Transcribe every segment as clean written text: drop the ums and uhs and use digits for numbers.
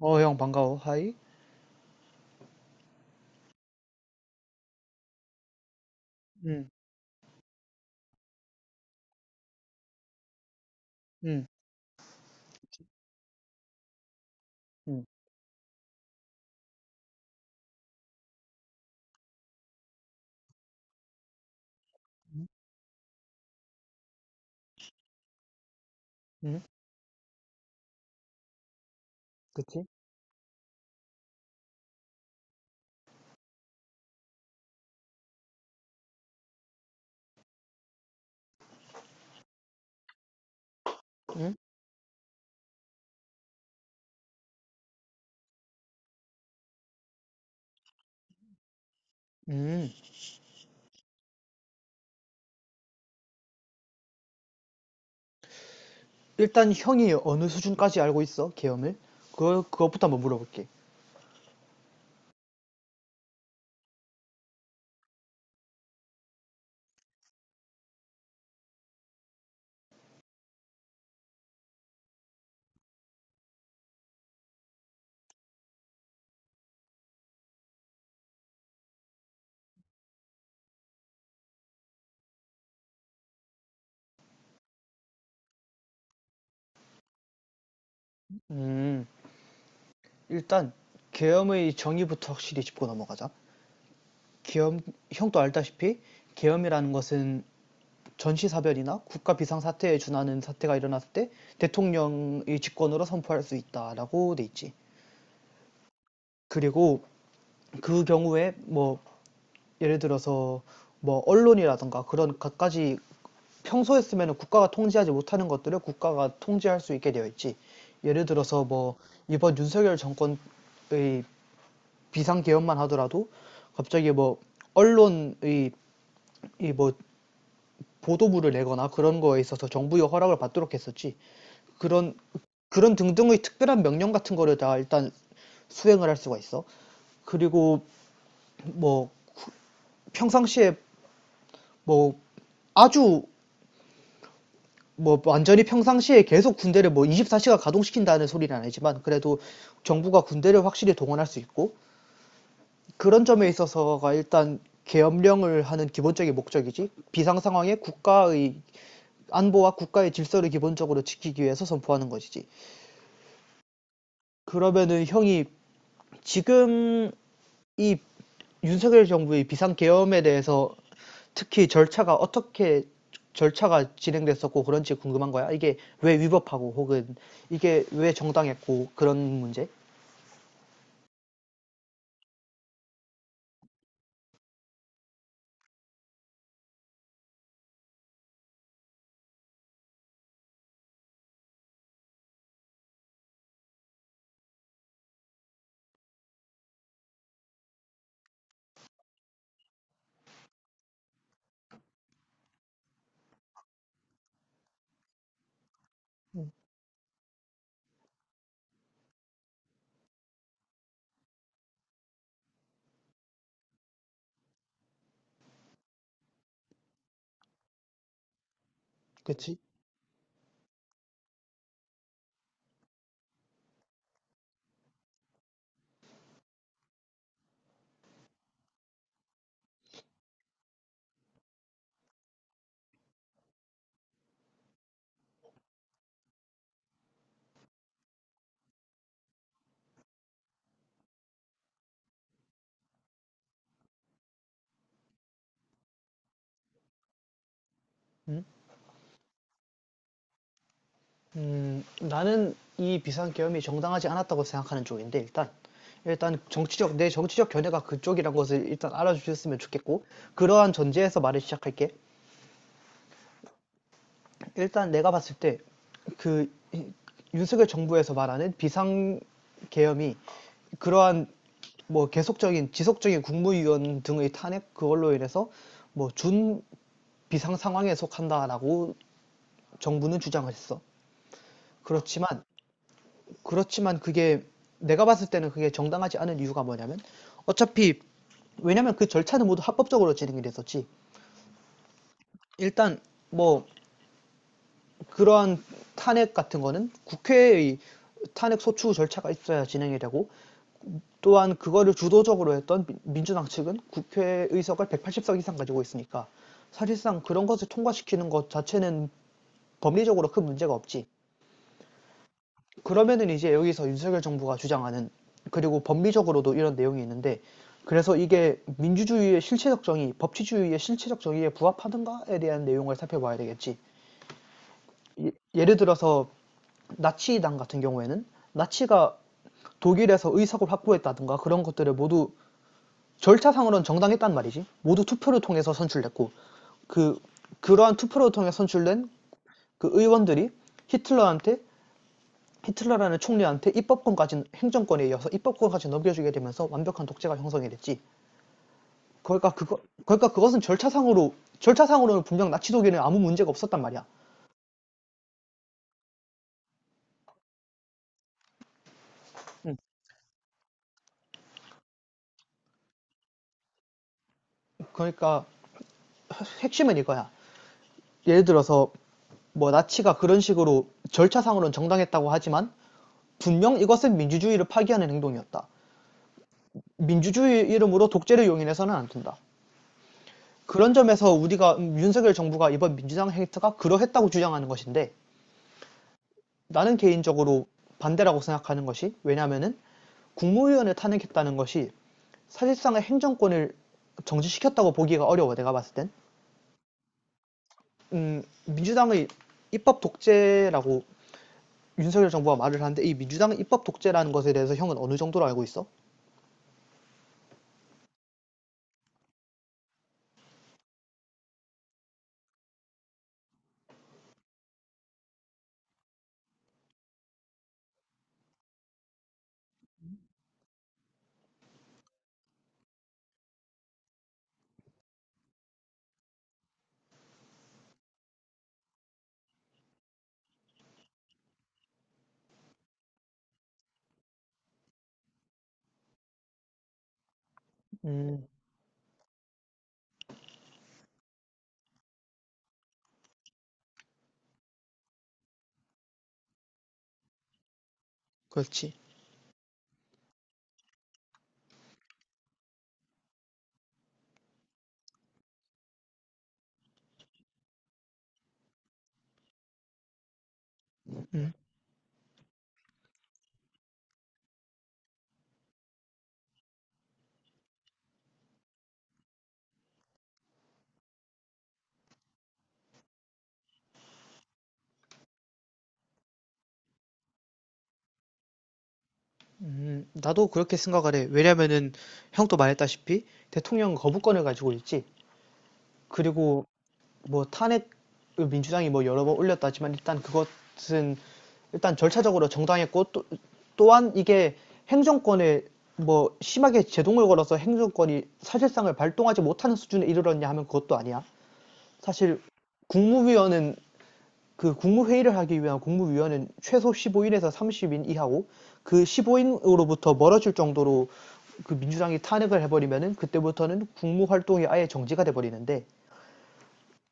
어, 형, 반가워. 하이. 응, 응, 응, 응, 응. 그치? 응, 응. 일단 형이 어느 수준까지 알고 있어? 계엄을? 그것부터 한번 물어볼게. 음, 일단 계엄의 정의부터 확실히 짚고 넘어가자. 계엄, 형도 알다시피 계엄이라는 것은 전시사변이나 국가 비상사태에 준하는 사태가 일어났을 때 대통령의 직권으로 선포할 수 있다라고 돼 있지. 그리고 그 경우에 뭐 예를 들어서 뭐 언론이라든가 그런 갖가지 평소에 쓰면은 국가가 통제하지 못하는 것들을 국가가 통제할 수 있게 되어 있지. 예를 들어서 뭐 이번 윤석열 정권의 비상 개헌만 하더라도 갑자기 뭐 언론의 이 뭐 보도부를 내거나 그런 거에 있어서 정부의 허락을 받도록 했었지. 그런 그런 등등의 특별한 명령 같은 거를 다 일단 수행을 할 수가 있어. 그리고 뭐 평상시에 뭐 아주 뭐 완전히 평상시에 계속 군대를 뭐 24시간 가동시킨다는 소리는 아니지만 그래도 정부가 군대를 확실히 동원할 수 있고 그런 점에 있어서가 일단 계엄령을 하는 기본적인 목적이지 비상 상황에 국가의 안보와 국가의 질서를 기본적으로 지키기 위해서 선포하는 것이지. 그러면은 형이 지금 이 윤석열 정부의 비상 계엄에 대해서 특히 절차가 진행됐었고 그런지 궁금한 거야. 이게 왜 위법하고 혹은 이게 왜 정당했고 그런 문제? 그치? 음, 나는 이 비상계엄이 정당하지 않았다고 생각하는 쪽인데 일단 일단 정치적 내 정치적 견해가 그쪽이란 것을 일단 알아주셨으면 좋겠고 그러한 전제에서 말을 시작할게. 일단 내가 봤을 때 그 윤석열 정부에서 말하는 비상 계엄이 그러한 뭐 계속적인 지속적인 국무위원 등의 탄핵 그걸로 인해서 뭐 준 비상 상황에 속한다라고 정부는 주장했어. 그렇지만 그렇지만 그게 내가 봤을 때는 그게 정당하지 않은 이유가 뭐냐면 어차피 왜냐면 그 절차는 모두 합법적으로 진행이 됐었지. 일단 뭐 그러한 탄핵 같은 거는 국회의 탄핵 소추 절차가 있어야 진행이 되고 또한 그거를 주도적으로 했던 주당 측은 국회 의석을 180석 이상 가지고 있으니까 사실상 그런 것을 통과시키는 것 자체는 법리적으로 큰 문제가 없지. 그러면은 이제 여기서 윤석열 정부가 주장하는 그리고 법리적으로도 이런 내용이 있는데 그래서 이게 민주주의의 실체적 정의, 법치주의의 실체적 정의에 부합하는가에 대한 내용을 살펴봐야 되겠지. 예를 들어서 나치당 같은 경우에는 나치가 독일에서 의석을 확보했다든가 그런 것들을 모두 절차상으로는 정당했단 말이지. 모두 투표를 통해서 선출됐고 그 그러한 투표를 통해 선출된 그 의원들이 히틀러한테 히틀러라는 총리한테 입법권까지 행정권에 이어서 입법권까지 넘겨주게 되면서 완벽한 독재가 형성이 됐지. 그러니까 그거 그러니까 그것은 절차상으로는 분명 나치 독일은 아무 문제가 없었단 말이야. 그러니까 핵심은 이거야. 예를 들어서 뭐 나치가 그런 식으로 절차상으로는 정당했다고 하지만 분명 이것은 민주주의를 파기하는 행동이었다. 민주주의 이름으로 독재를 용인해서는 안 된다. 그런 점에서 우리가 윤석열 정부가 이번 민주당 행태가 그러했다고 주장하는 것인데 나는 개인적으로 반대라고 생각하는 것이 왜냐하면은 국무위원을 탄핵했다는 것이 사실상의 행정권을 정지시켰다고 보기가 어려워 내가 봤을 땐. 민주당의 입법 독재라고 윤석열 정부가 말을 하는데 이 민주당은 입법 독재라는 것에 대해서 형은 어느 정도로 알고 있어? 음, 그렇지. 나도 그렇게 생각을 해. 왜냐면은 형도 말했다시피 대통령 거부권을 가지고 있지. 그리고 뭐 탄핵 민주당이 뭐 여러 번 올렸다지만 일단 그것은 일단 절차적으로 정당했고 또한 이게 행정권에 뭐 심하게 제동을 걸어서 행정권이 사실상을 발동하지 못하는 수준에 이르렀냐 하면 그것도 아니야. 사실 국무위원은 그 국무회의를 하기 위한 국무위원은 최소 15일에서 30인 이하고 그 15인으로부터 멀어질 정도로 그 민주당이 탄핵을 해버리면은 그때부터는 국무 활동이 아예 정지가 돼버리는데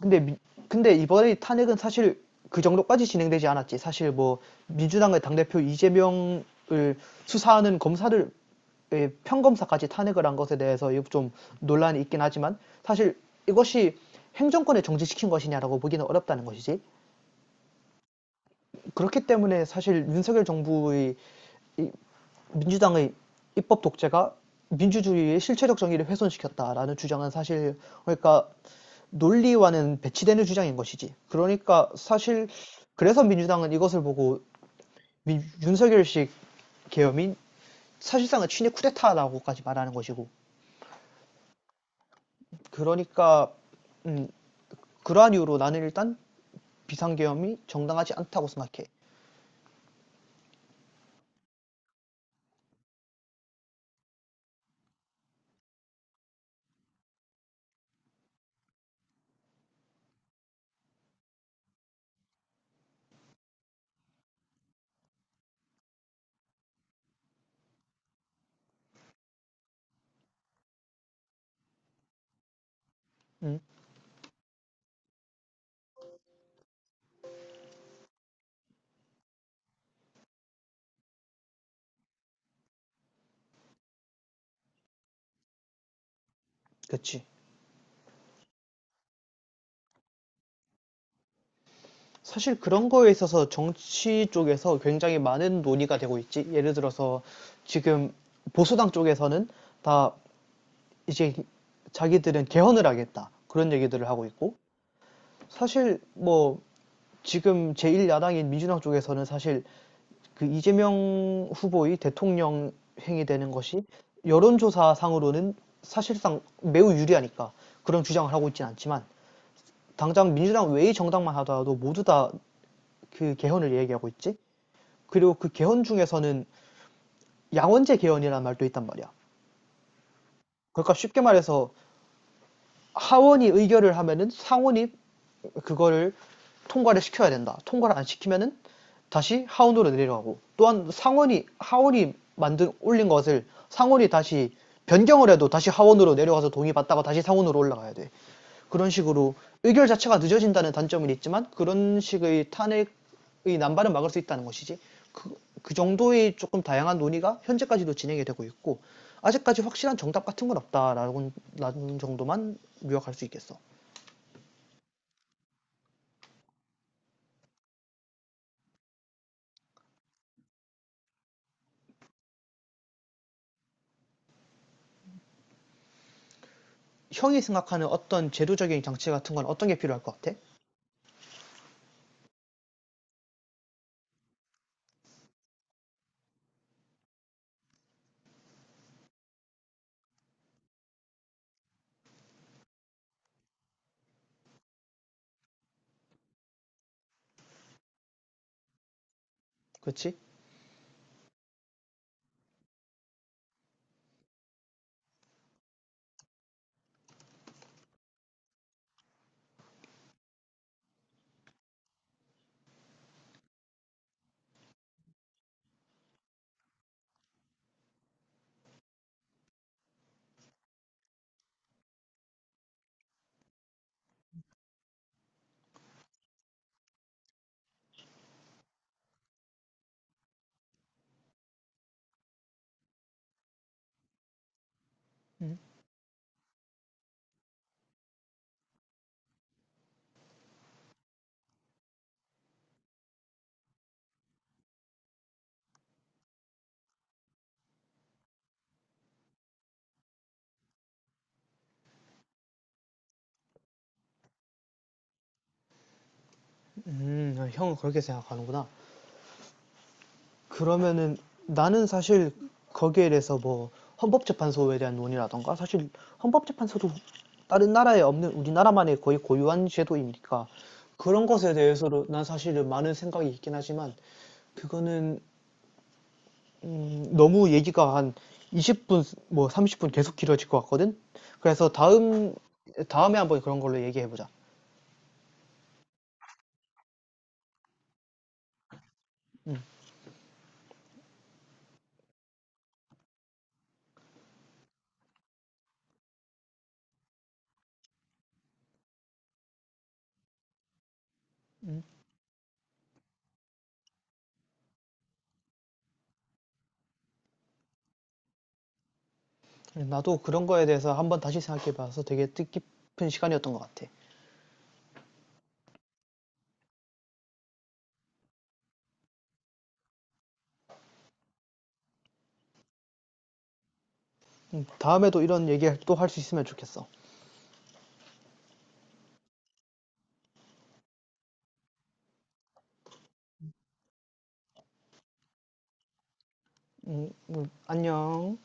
근데 미- 근데 이번에 탄핵은 사실 그 정도까지 진행되지 않았지. 사실 뭐 민주당의 당대표 이재명을 수사하는 검사들, 예, 평검사까지 탄핵을 한 것에 대해서 좀 논란이 있긴 하지만 사실 이것이 행정권을 정지시킨 것이냐라고 보기는 어렵다는 것이지. 그렇기 때문에 사실 윤석열 정부의 민주당의 입법 독재가 민주주의의 실체적 정의를 훼손시켰다라는 주장은 사실 그러니까 논리와는 배치되는 주장인 것이지. 그러니까 사실 그래서 민주당은 이것을 보고 윤석열식 계엄인 사실상은 친일 쿠데타라고까지 말하는 것이고. 그러니까 음, 그러한 이유로 나는 일단 비상계엄이 정당하지 않다고 생각해. 음, 그치. 사실 그런 거에 있어서 정치 쪽에서 굉장히 많은 논의가 되고 있지. 예를 들어서 지금 보수당 쪽에서는 다 이제 자기들은 개헌을 하겠다. 그런 얘기들을 하고 있고. 사실 뭐 지금 제1야당인 민주당 쪽에서는 사실 그 이재명 후보의 대통령 행위되는 것이 여론조사상으로는 사실상 매우 유리하니까 그런 주장을 하고 있진 않지만 당장 민주당 외의 정당만 하더라도 모두 다 그 개헌을 얘기하고 있지. 그리고 그 개헌 중에서는 양원제 개헌이라는 말도 있단 말이야. 그러니까 쉽게 말해서 하원이 의결을 하면은 상원이 그거를 통과를 시켜야 된다. 통과를 안 시키면은 다시 하원으로 내려가고 또한 상원이 하원이 만든 올린 것을 상원이 다시 변경을 해도 다시 하원으로 내려가서 동의받다가 다시 상원으로 올라가야 돼. 그런 식으로 의결 자체가 늦어진다는 단점은 있지만 그런 식의 탄핵 이 난발을 막을 수 있다는 것이지. 그 정도의 조금 다양한 논의가 현재까지도 진행이 되고 있고 아직까지 확실한 정답 같은 건 없다라는 정도만 요약할 수 있겠어. 형이 생각하는 어떤 제도적인 장치 같은 건 어떤 게 필요할 것 같아? 그렇지? 음, 형은 그렇게 생각하는구나. 그러면은 나는 사실 거기에 대해서 뭐 헌법재판소에 대한 논의라던가 사실 헌법재판소도 다른 나라에 없는 우리나라만의 거의 고유한 제도이니까 그런 것에 대해서도 난 사실은 많은 생각이 있긴 하지만 그거는 너무 얘기가 한 20분 뭐 30분 계속 길어질 것 같거든. 그래서 다음에 한번 그런 걸로 얘기해 보자. 나도 그런 거에 대해서 한번 다시 생각해 봐서 되게 뜻깊은 시간이었던 것 같아. 다음에도 이런 얘기 또 할 수 있으면 좋겠어. 안녕.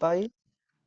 빠이.